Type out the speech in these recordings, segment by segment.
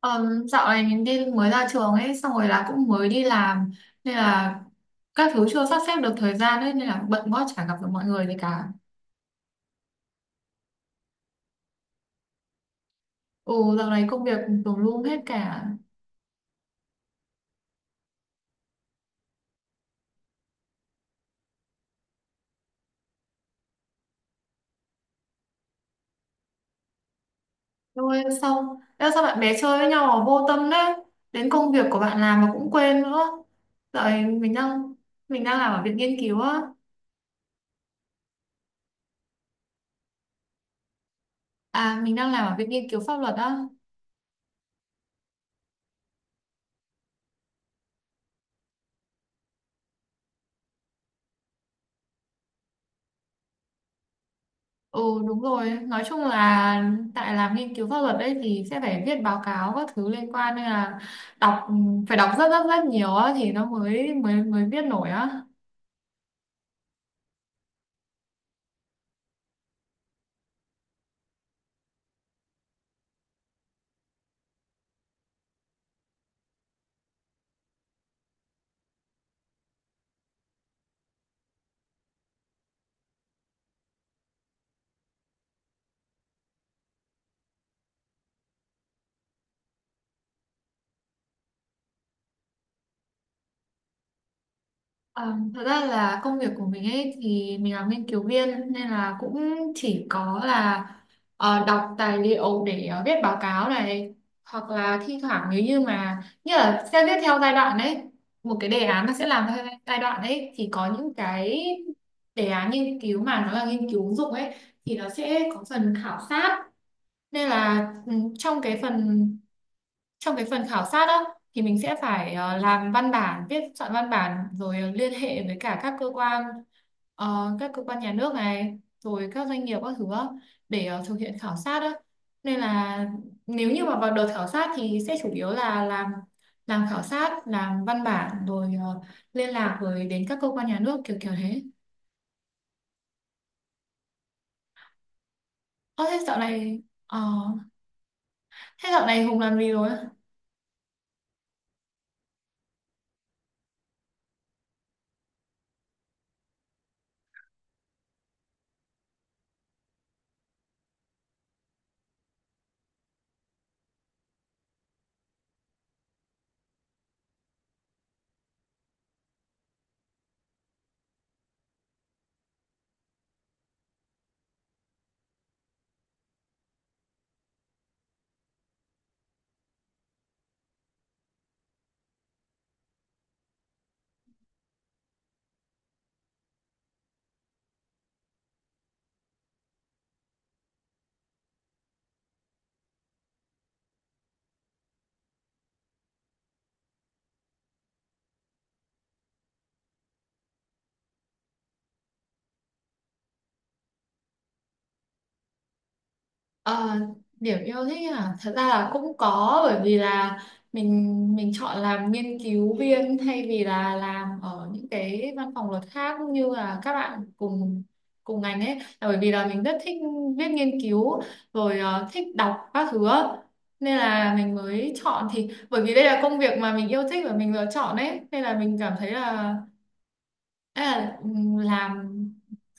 Dạo này mình đi mới ra trường ấy xong rồi là cũng mới đi làm nên là các thứ chưa sắp xếp được thời gian ấy nên là bận quá chả gặp được mọi người gì cả. Ừ, dạo này công việc tùm lum hết cả. Rồi xong. Ê, sao bạn bè chơi với nhau mà vô tâm đấy. Đến công việc của bạn làm mà cũng quên nữa. Dạo này mình đang làm ở viện nghiên cứu á. À, mình đang làm ở viện nghiên cứu pháp luật á. Ừ đúng rồi, nói chung là tại làm nghiên cứu pháp luật đấy thì sẽ phải viết báo cáo các thứ liên quan nên là đọc phải đọc rất rất rất nhiều á thì nó mới mới mới viết nổi á. Ờ, Thật ra là công việc của mình ấy thì mình là nghiên cứu viên nên là cũng chỉ có là đọc tài liệu để viết báo cáo này, hoặc là thi thoảng nếu như mà như là sẽ viết theo giai đoạn đấy, một cái đề án nó sẽ làm theo giai đoạn đấy thì có những cái đề án nghiên cứu mà nó là nghiên cứu ứng dụng ấy thì nó sẽ có phần khảo sát. Nên là ừ, trong cái phần trong cái phần khảo sát á thì mình sẽ phải làm văn bản viết soạn văn bản rồi liên hệ với cả các cơ quan nhà nước này rồi các doanh nghiệp các thứ á, để thực hiện khảo sát á, nên là nếu như mà vào đợt khảo sát thì sẽ chủ yếu là làm khảo sát làm văn bản rồi liên lạc với đến các cơ quan nhà nước kiểu kiểu thế. Ơ thế dạo này ờ, thế dạo này Hùng làm gì rồi? Ờ, điểm yêu thích à, thật ra là cũng có, bởi vì là mình mình chọn làm nghiên cứu viên thay vì là làm ở những cái văn phòng luật khác như là các bạn cùng cùng ngành ấy, là bởi vì là mình rất thích viết nghiên cứu rồi thích đọc các thứ á. Nên là mình mới chọn, thì bởi vì đây là công việc mà mình yêu thích và mình lựa chọn ấy nên là mình cảm thấy là, ê, làm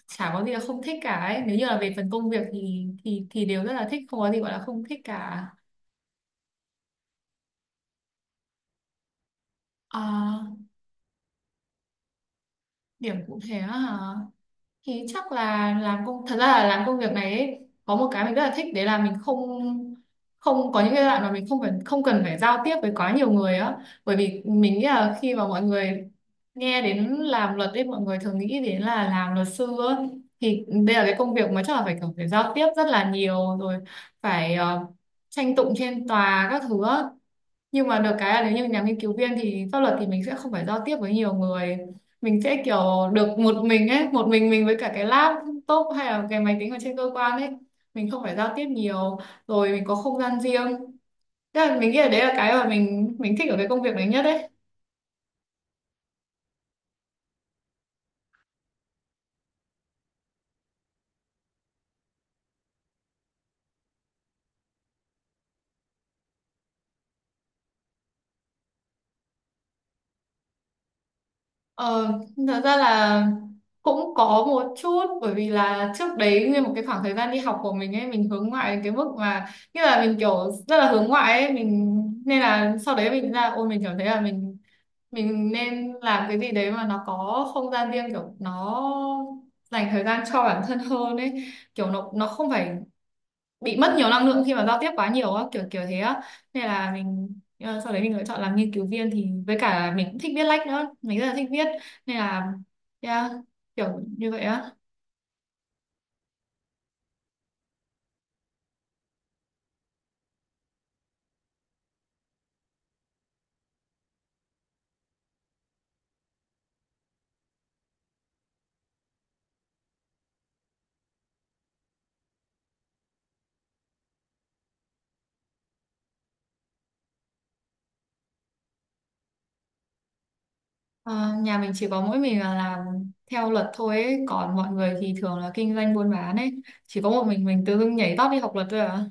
chả có gì là không thích cả ấy. Nếu như là về phần công việc thì thì đều rất là thích, không có gì gọi là không thích cả. À, điểm cụ thể á hả? Thì chắc là làm công, thật ra là làm công việc này ấy, có một cái mình rất là thích đấy là mình không không có những cái đoạn mà mình không phải không cần phải giao tiếp với quá nhiều người á, bởi vì mình nghĩ là khi mà mọi người nghe đến làm luật ấy mọi người thường nghĩ đến là làm luật sư á. Thì đây là cái công việc mà chắc là phải kiểu phải giao tiếp rất là nhiều rồi, phải tranh tụng trên tòa các thứ á, nhưng mà được cái là nếu như nhà nghiên cứu viên thì pháp luật thì mình sẽ không phải giao tiếp với nhiều người, mình sẽ kiểu được một mình ấy, một mình với cả cái laptop hay là cái máy tính ở trên cơ quan ấy, mình không phải giao tiếp nhiều rồi mình có không gian riêng. Thế là mình nghĩ là đấy là cái mà mình thích ở cái công việc này nhất đấy. Ờ, thật ra là cũng có một chút, bởi vì là trước đấy nguyên một cái khoảng thời gian đi học của mình ấy mình hướng ngoại đến cái mức mà như là mình kiểu rất là hướng ngoại ấy, mình nên là sau đấy mình ra, ôi mình cảm thấy là mình nên làm cái gì đấy mà nó có không gian riêng, kiểu nó dành thời gian cho bản thân hơn ấy, kiểu nó không phải bị mất nhiều năng lượng khi mà giao tiếp quá nhiều á, kiểu kiểu thế á. Nên là mình sau đấy mình lựa chọn làm nghiên cứu viên, thì với cả là mình cũng thích viết lách nữa, mình rất là thích viết. Nên là yeah, kiểu như vậy á. Ờ, nhà mình chỉ có mỗi mình là làm theo luật thôi ấy. Còn mọi người thì thường là kinh doanh buôn bán ấy, chỉ có một mình tự dưng nhảy tót đi học luật thôi à.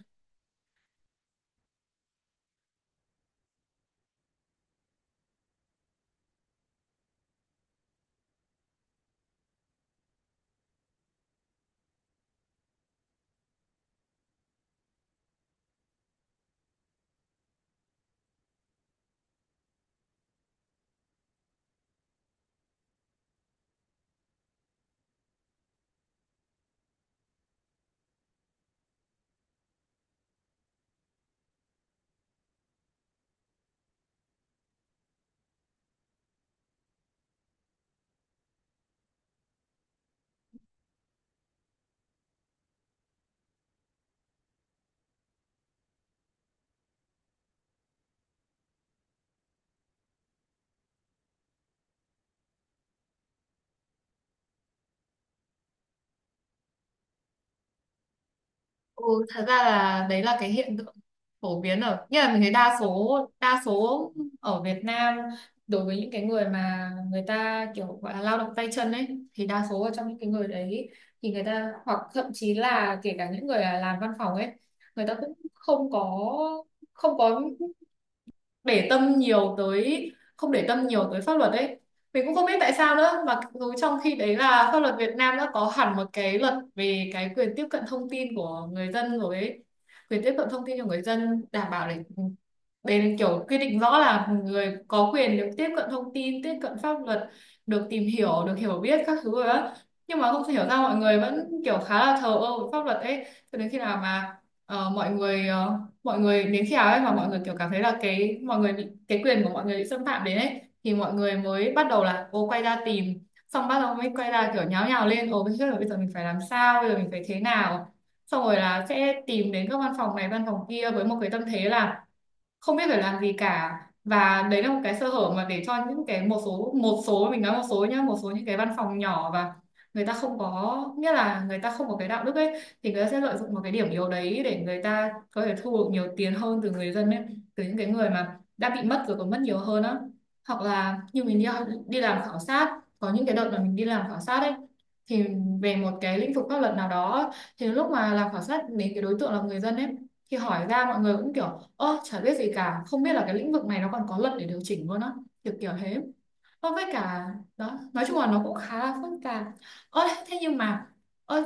Ừ, thật ra là đấy là cái hiện tượng phổ biến, ở như là mình thấy đa số ở Việt Nam, đối với những cái người mà người ta kiểu gọi là lao động tay chân ấy, thì đa số ở trong những cái người đấy thì người ta, hoặc thậm chí là kể cả những người là làm văn phòng ấy, người ta cũng không có không có để tâm nhiều tới, không để tâm nhiều tới pháp luật ấy. Mình cũng không biết tại sao nữa, mà dù trong khi đấy là pháp luật Việt Nam đã có hẳn một cái luật về cái quyền tiếp cận thông tin của người dân rồi ấy, quyền tiếp cận thông tin cho người dân đảm bảo để, đây là kiểu quy định rõ là người có quyền được tiếp cận thông tin tiếp cận pháp luật, được tìm hiểu được hiểu biết các thứ rồi đó, nhưng mà không thể hiểu sao mọi người vẫn kiểu khá là thờ ơ với pháp luật ấy. Cho đến khi nào mà ờ, mọi người ờ, mọi người nếu khi nào ấy mà mọi người kiểu cảm thấy là cái mọi người bị cái quyền của mọi người bị xâm phạm đến ấy thì mọi người mới bắt đầu là ô quay ra tìm, xong bắt đầu mới quay ra kiểu nháo nhào lên, ô bây giờ mình phải làm sao, bây giờ mình phải thế nào, xong rồi là sẽ tìm đến các văn phòng này văn phòng kia với một cái tâm thế là không biết phải làm gì cả. Và đấy là một cái sơ hở mà để cho những cái một số mình nói một số nhá, một số những cái văn phòng nhỏ và người ta không có nghĩa là người ta không có cái đạo đức ấy, thì người ta sẽ lợi dụng một cái điểm yếu đấy để người ta có thể thu được nhiều tiền hơn từ người dân ấy, từ những cái người mà đã bị mất rồi còn mất nhiều hơn á. Hoặc là như mình đi, đi làm khảo sát, có những cái đợt mà mình đi làm khảo sát ấy thì về một cái lĩnh vực pháp luật nào đó, thì lúc mà làm khảo sát đến cái đối tượng là người dân ấy, thì hỏi ra mọi người cũng kiểu ơ chả biết gì cả, không biết là cái lĩnh vực này nó còn có luật để điều chỉnh luôn á, kiểu kiểu thế. Ờ, với cả đó nói chung là nó cũng khá là phức tạp. Ơ thế nhưng mà, ơ,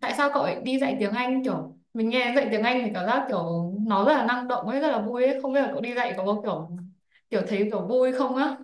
tại sao cậu lại đi dạy tiếng Anh? Kiểu mình nghe dạy tiếng Anh thì cảm giác kiểu nó rất là năng động ấy, rất là vui ấy, không biết là cậu đi dạy có kiểu kiểu thấy kiểu vui không á?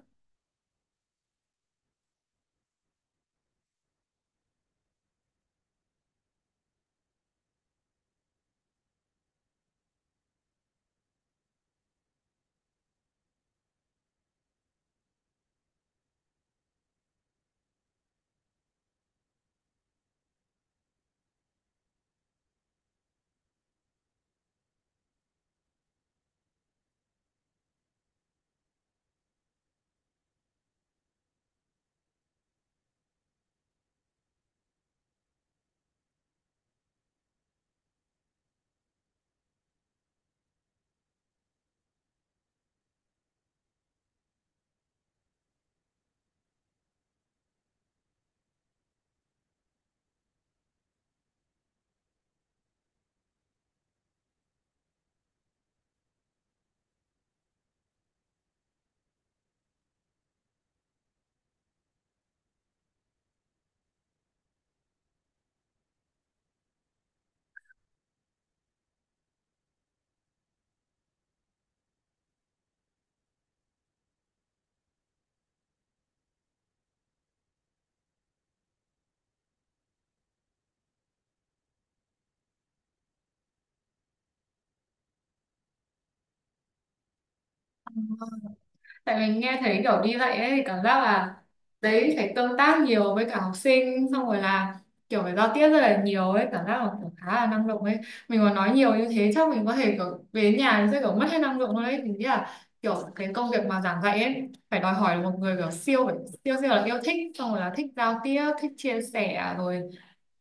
Tại mình nghe thấy kiểu đi dạy ấy thì cảm giác là đấy phải tương tác nhiều với cả học sinh, xong rồi là kiểu phải giao tiếp rất là nhiều ấy, cảm giác là kiểu khá là năng động ấy. Mình mà nói nhiều như thế chắc mình có thể kiểu về nhà sẽ kiểu mất hết năng lượng luôn ấy. Mình nghĩ là kiểu cái công việc mà giảng dạy ấy phải đòi hỏi là một người kiểu siêu phải siêu siêu là yêu thích, xong rồi là thích giao tiếp thích chia sẻ rồi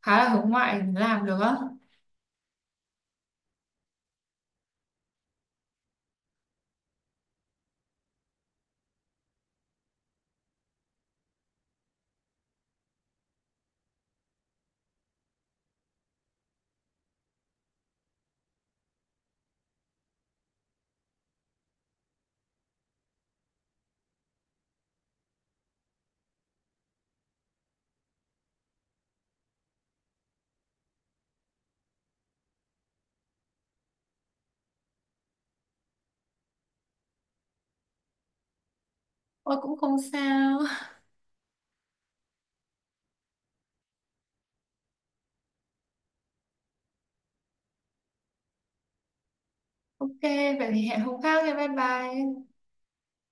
khá là hướng ngoại thì mới làm được á. Ôi cũng không sao. Ok, vậy thì hẹn hôm khác nha, bye bye.